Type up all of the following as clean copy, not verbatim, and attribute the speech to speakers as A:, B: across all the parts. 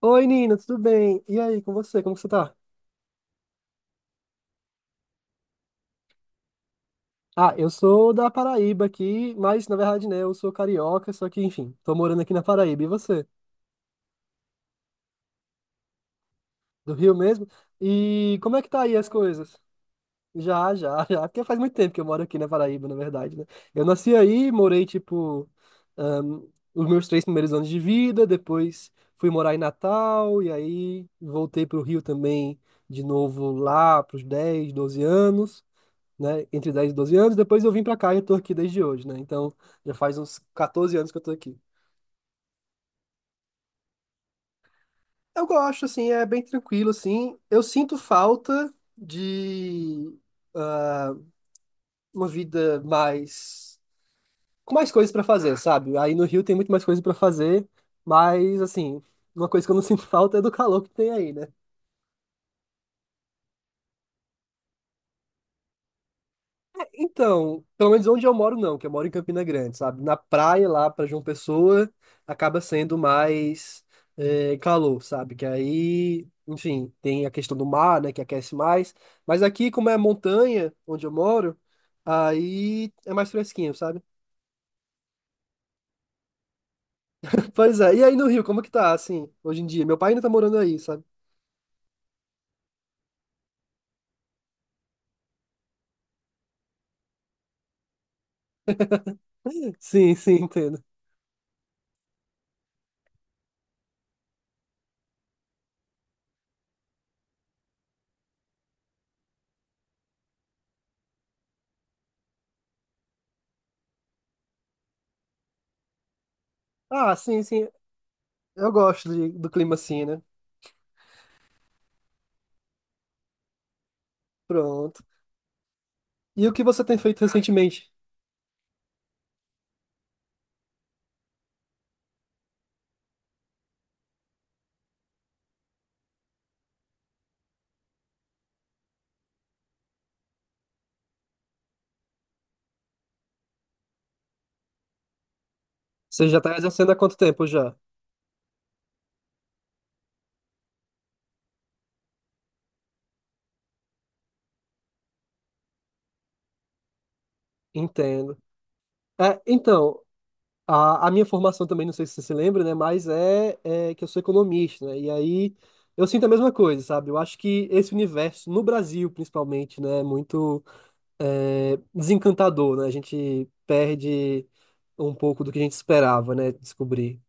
A: Oi, Nina, tudo bem? E aí, com você? Como que você tá? Ah, eu sou da Paraíba aqui, mas na verdade, né, eu sou carioca, só que, enfim, tô morando aqui na Paraíba. E você? Do Rio mesmo? E como é que tá aí as coisas? Já, já, já, porque faz muito tempo que eu moro aqui na Paraíba, na verdade, né? Eu nasci aí, morei, tipo, ahn, os meus três primeiros anos de vida, depois fui morar em Natal, e aí voltei pro Rio também, de novo lá, pros 10, 12 anos. Né, entre 10 e 12 anos, depois eu vim pra cá e eu tô aqui desde hoje, né? Então, já faz uns 14 anos que eu tô aqui. Eu gosto, assim, é bem tranquilo, assim. Eu sinto falta de ah, uma vida mais com mais coisas pra fazer, sabe? Aí no Rio tem muito mais coisas pra fazer, mas assim, uma coisa que eu não sinto falta é do calor que tem aí, né? Então, pelo menos onde eu moro, não, que eu moro em Campina Grande, sabe? Na praia lá para João Pessoa acaba sendo mais calor, sabe? Que aí, enfim, tem a questão do mar, né, que aquece mais. Mas aqui, como é montanha, onde eu moro, aí é mais fresquinho, sabe? Pois é. E aí no Rio, como que tá, assim, hoje em dia? Meu pai ainda tá morando aí, sabe? Sim, sim, entendo. Ah, sim, sim. Eu gosto do clima assim, né? Pronto. E o que você tem feito recentemente? Você já tá exercendo há quanto tempo já? Entendo. É, então, a minha formação também, não sei se você se lembra, né? Mas é, é que eu sou economista, né? E aí eu sinto a mesma coisa, sabe? Eu acho que esse universo, no Brasil principalmente, né? É muito é, desencantador, né? A gente perde um pouco do que a gente esperava, né? Descobrir.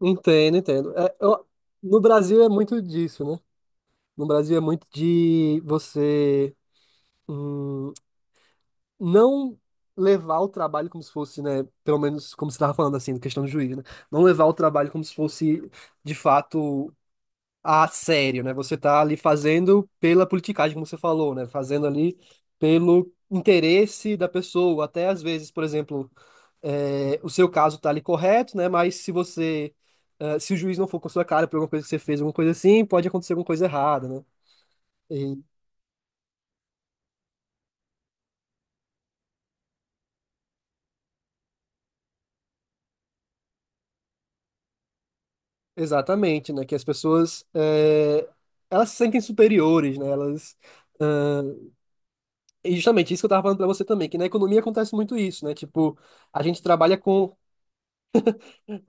A: Entendo, entendo. É, eu- no Brasil é muito disso, né? No Brasil é muito de você. hum, não levar o trabalho como se fosse, né, pelo menos como você estava falando assim, questão do juiz, né? Não levar o trabalho como se fosse de fato a sério, né? Você tá ali fazendo pela politicagem, como você falou, né? Fazendo ali pelo interesse da pessoa, até às vezes, por exemplo, é, o seu caso tá ali correto, né? Mas se você é, se o juiz não for com a sua cara por alguma coisa que você fez, alguma coisa assim, pode acontecer alguma coisa errada, né? Exatamente, né? Que as pessoas é, elas se sentem superiores, né? Elas ah, e justamente isso que eu tava falando pra você também, que na economia acontece muito isso, né? Tipo, a gente trabalha com é,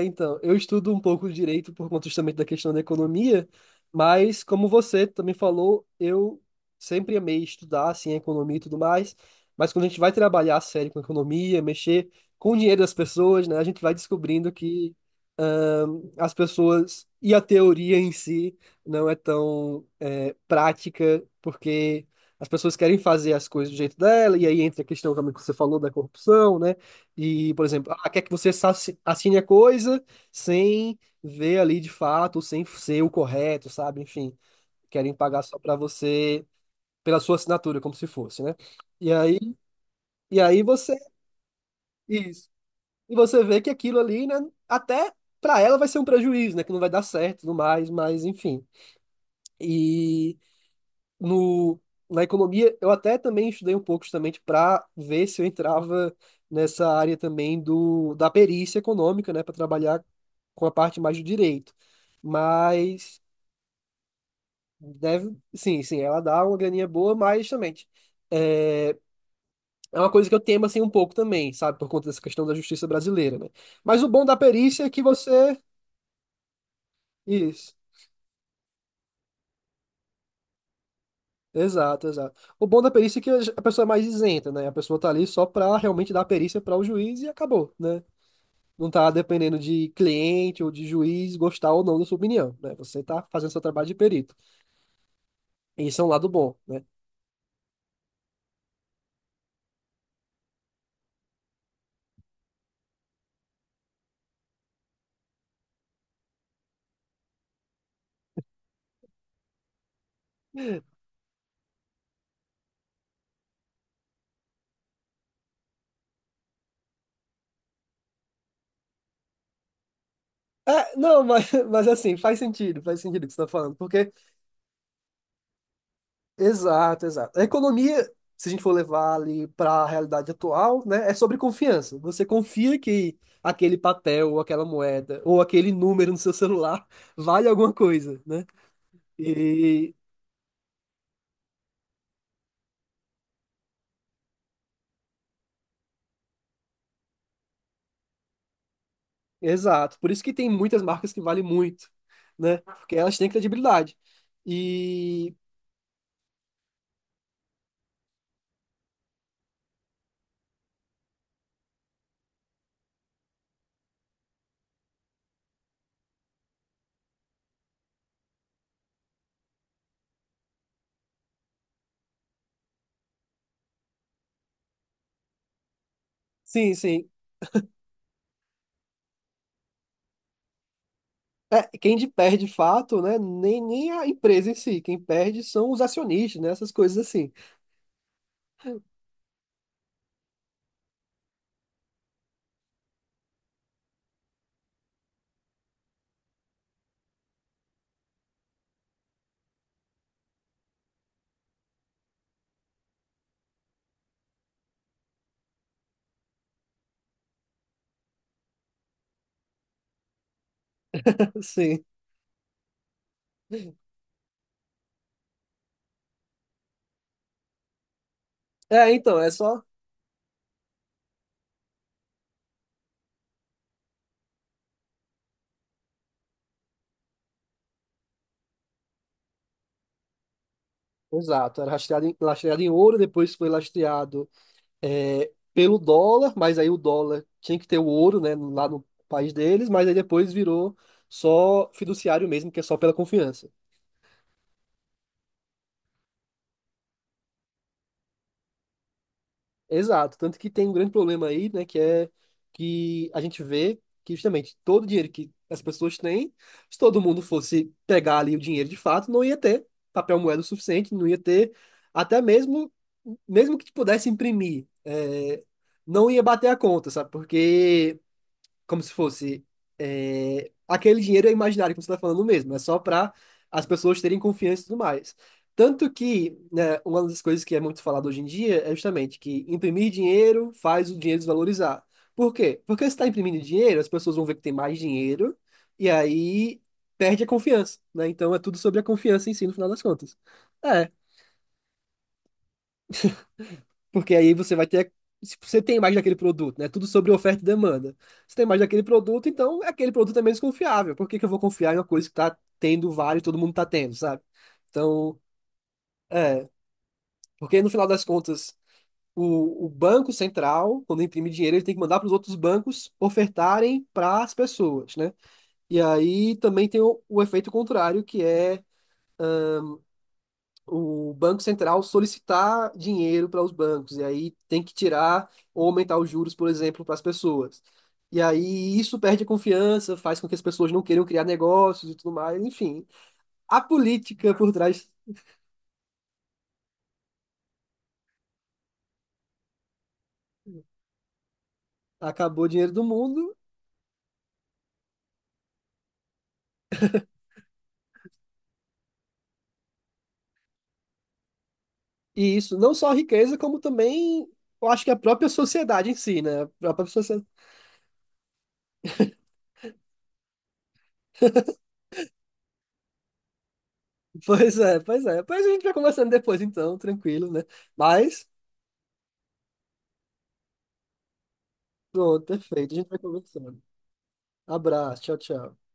A: é, então, eu estudo um pouco direito por conta justamente da questão da economia, mas como você também falou, eu sempre amei estudar, assim, a economia e tudo mais, mas quando a gente vai trabalhar a sério com a economia, mexer com o dinheiro das pessoas, né, a gente vai descobrindo que as pessoas e a teoria em si não é tão é, prática, porque as pessoas querem fazer as coisas do jeito dela, e aí entra a questão também que você falou da corrupção, né? E, por exemplo, ah, quer que você assine a coisa sem ver ali de fato, sem ser o correto, sabe? Enfim, querem pagar só para você, pela sua assinatura, como se fosse, né? E aí, e aí você, isso. E você vê que aquilo ali, né, até para ela vai ser um prejuízo, né, que não vai dar certo e tudo mais, mas enfim. E no, na economia, eu até também estudei um pouco justamente para ver se eu entrava nessa área também da perícia econômica, né, para trabalhar com a parte mais do direito. Mas deve, sim, sim, ela dá uma graninha boa, mas justamente é, é uma coisa que eu temo assim um pouco também, sabe, por conta dessa questão da justiça brasileira, né? Mas o bom da perícia é que você isso. Exato, exato. O bom da perícia é que a pessoa é mais isenta, né? A pessoa tá ali só pra realmente dar a perícia para o juiz e acabou, né? Não tá dependendo de cliente ou de juiz gostar ou não da sua opinião, né? Você tá fazendo seu trabalho de perito. E isso é um lado bom, né? É, não, mas assim, faz sentido o que você tá falando, porque, exato, exato. A economia, se a gente for levar ali para a realidade atual, né, é sobre confiança. Você confia que aquele papel ou aquela moeda ou aquele número no seu celular vale alguma coisa, né? E exato. Por isso que tem muitas marcas que valem muito, né? Porque elas têm credibilidade. E sim, sim. É, quem perde de fato, né? Nem, nem a empresa em si. Quem perde são os acionistas, né? Essas coisas assim. Sim. É, então, é só. Exato. Era lastreado em ouro, depois foi lastreado é, pelo dólar, mas aí o dólar tinha que ter o ouro, né? Lá no país deles, mas aí depois virou só fiduciário mesmo, que é só pela confiança. Exato, tanto que tem um grande problema aí, né, que é que a gente vê que justamente todo o dinheiro que as pessoas têm, se todo mundo fosse pegar ali o dinheiro de fato, não ia ter papel moeda o suficiente, não ia ter até mesmo que pudesse imprimir, é, não ia bater a conta, sabe? Porque como se fosse é, aquele dinheiro é imaginário que você está falando mesmo, é só para as pessoas terem confiança e tudo mais. Tanto que, né, uma das coisas que é muito falado hoje em dia é justamente que imprimir dinheiro faz o dinheiro desvalorizar. Por quê? Porque se está imprimindo dinheiro, as pessoas vão ver que tem mais dinheiro e aí perde a confiança, né? Então é tudo sobre a confiança em si, no final das contas. É, porque aí você vai ter. Se você tem mais daquele produto, né? Tudo sobre oferta e demanda. Se tem mais daquele produto, então é aquele produto é menos confiável. Por que que eu vou confiar em uma coisa que tá tendo vários, todo mundo tá tendo, sabe? Então, é. Porque no final das contas, o Banco Central, quando imprime dinheiro, ele tem que mandar para os outros bancos ofertarem para as pessoas, né? E aí também tem o efeito contrário, que é o Banco Central solicitar dinheiro para os bancos, e aí tem que tirar ou aumentar os juros, por exemplo, para as pessoas. E aí isso perde a confiança, faz com que as pessoas não queiram criar negócios e tudo mais. Enfim, a política por trás acabou o dinheiro do mundo, e isso não só a riqueza, como também. Eu acho que a própria sociedade em si, né? A própria sociedade. Pois é, pois é. Pois a gente vai conversando depois, então, tranquilo, né? Mas, pronto, perfeito. A gente vai conversando. Abraço, tchau, tchau.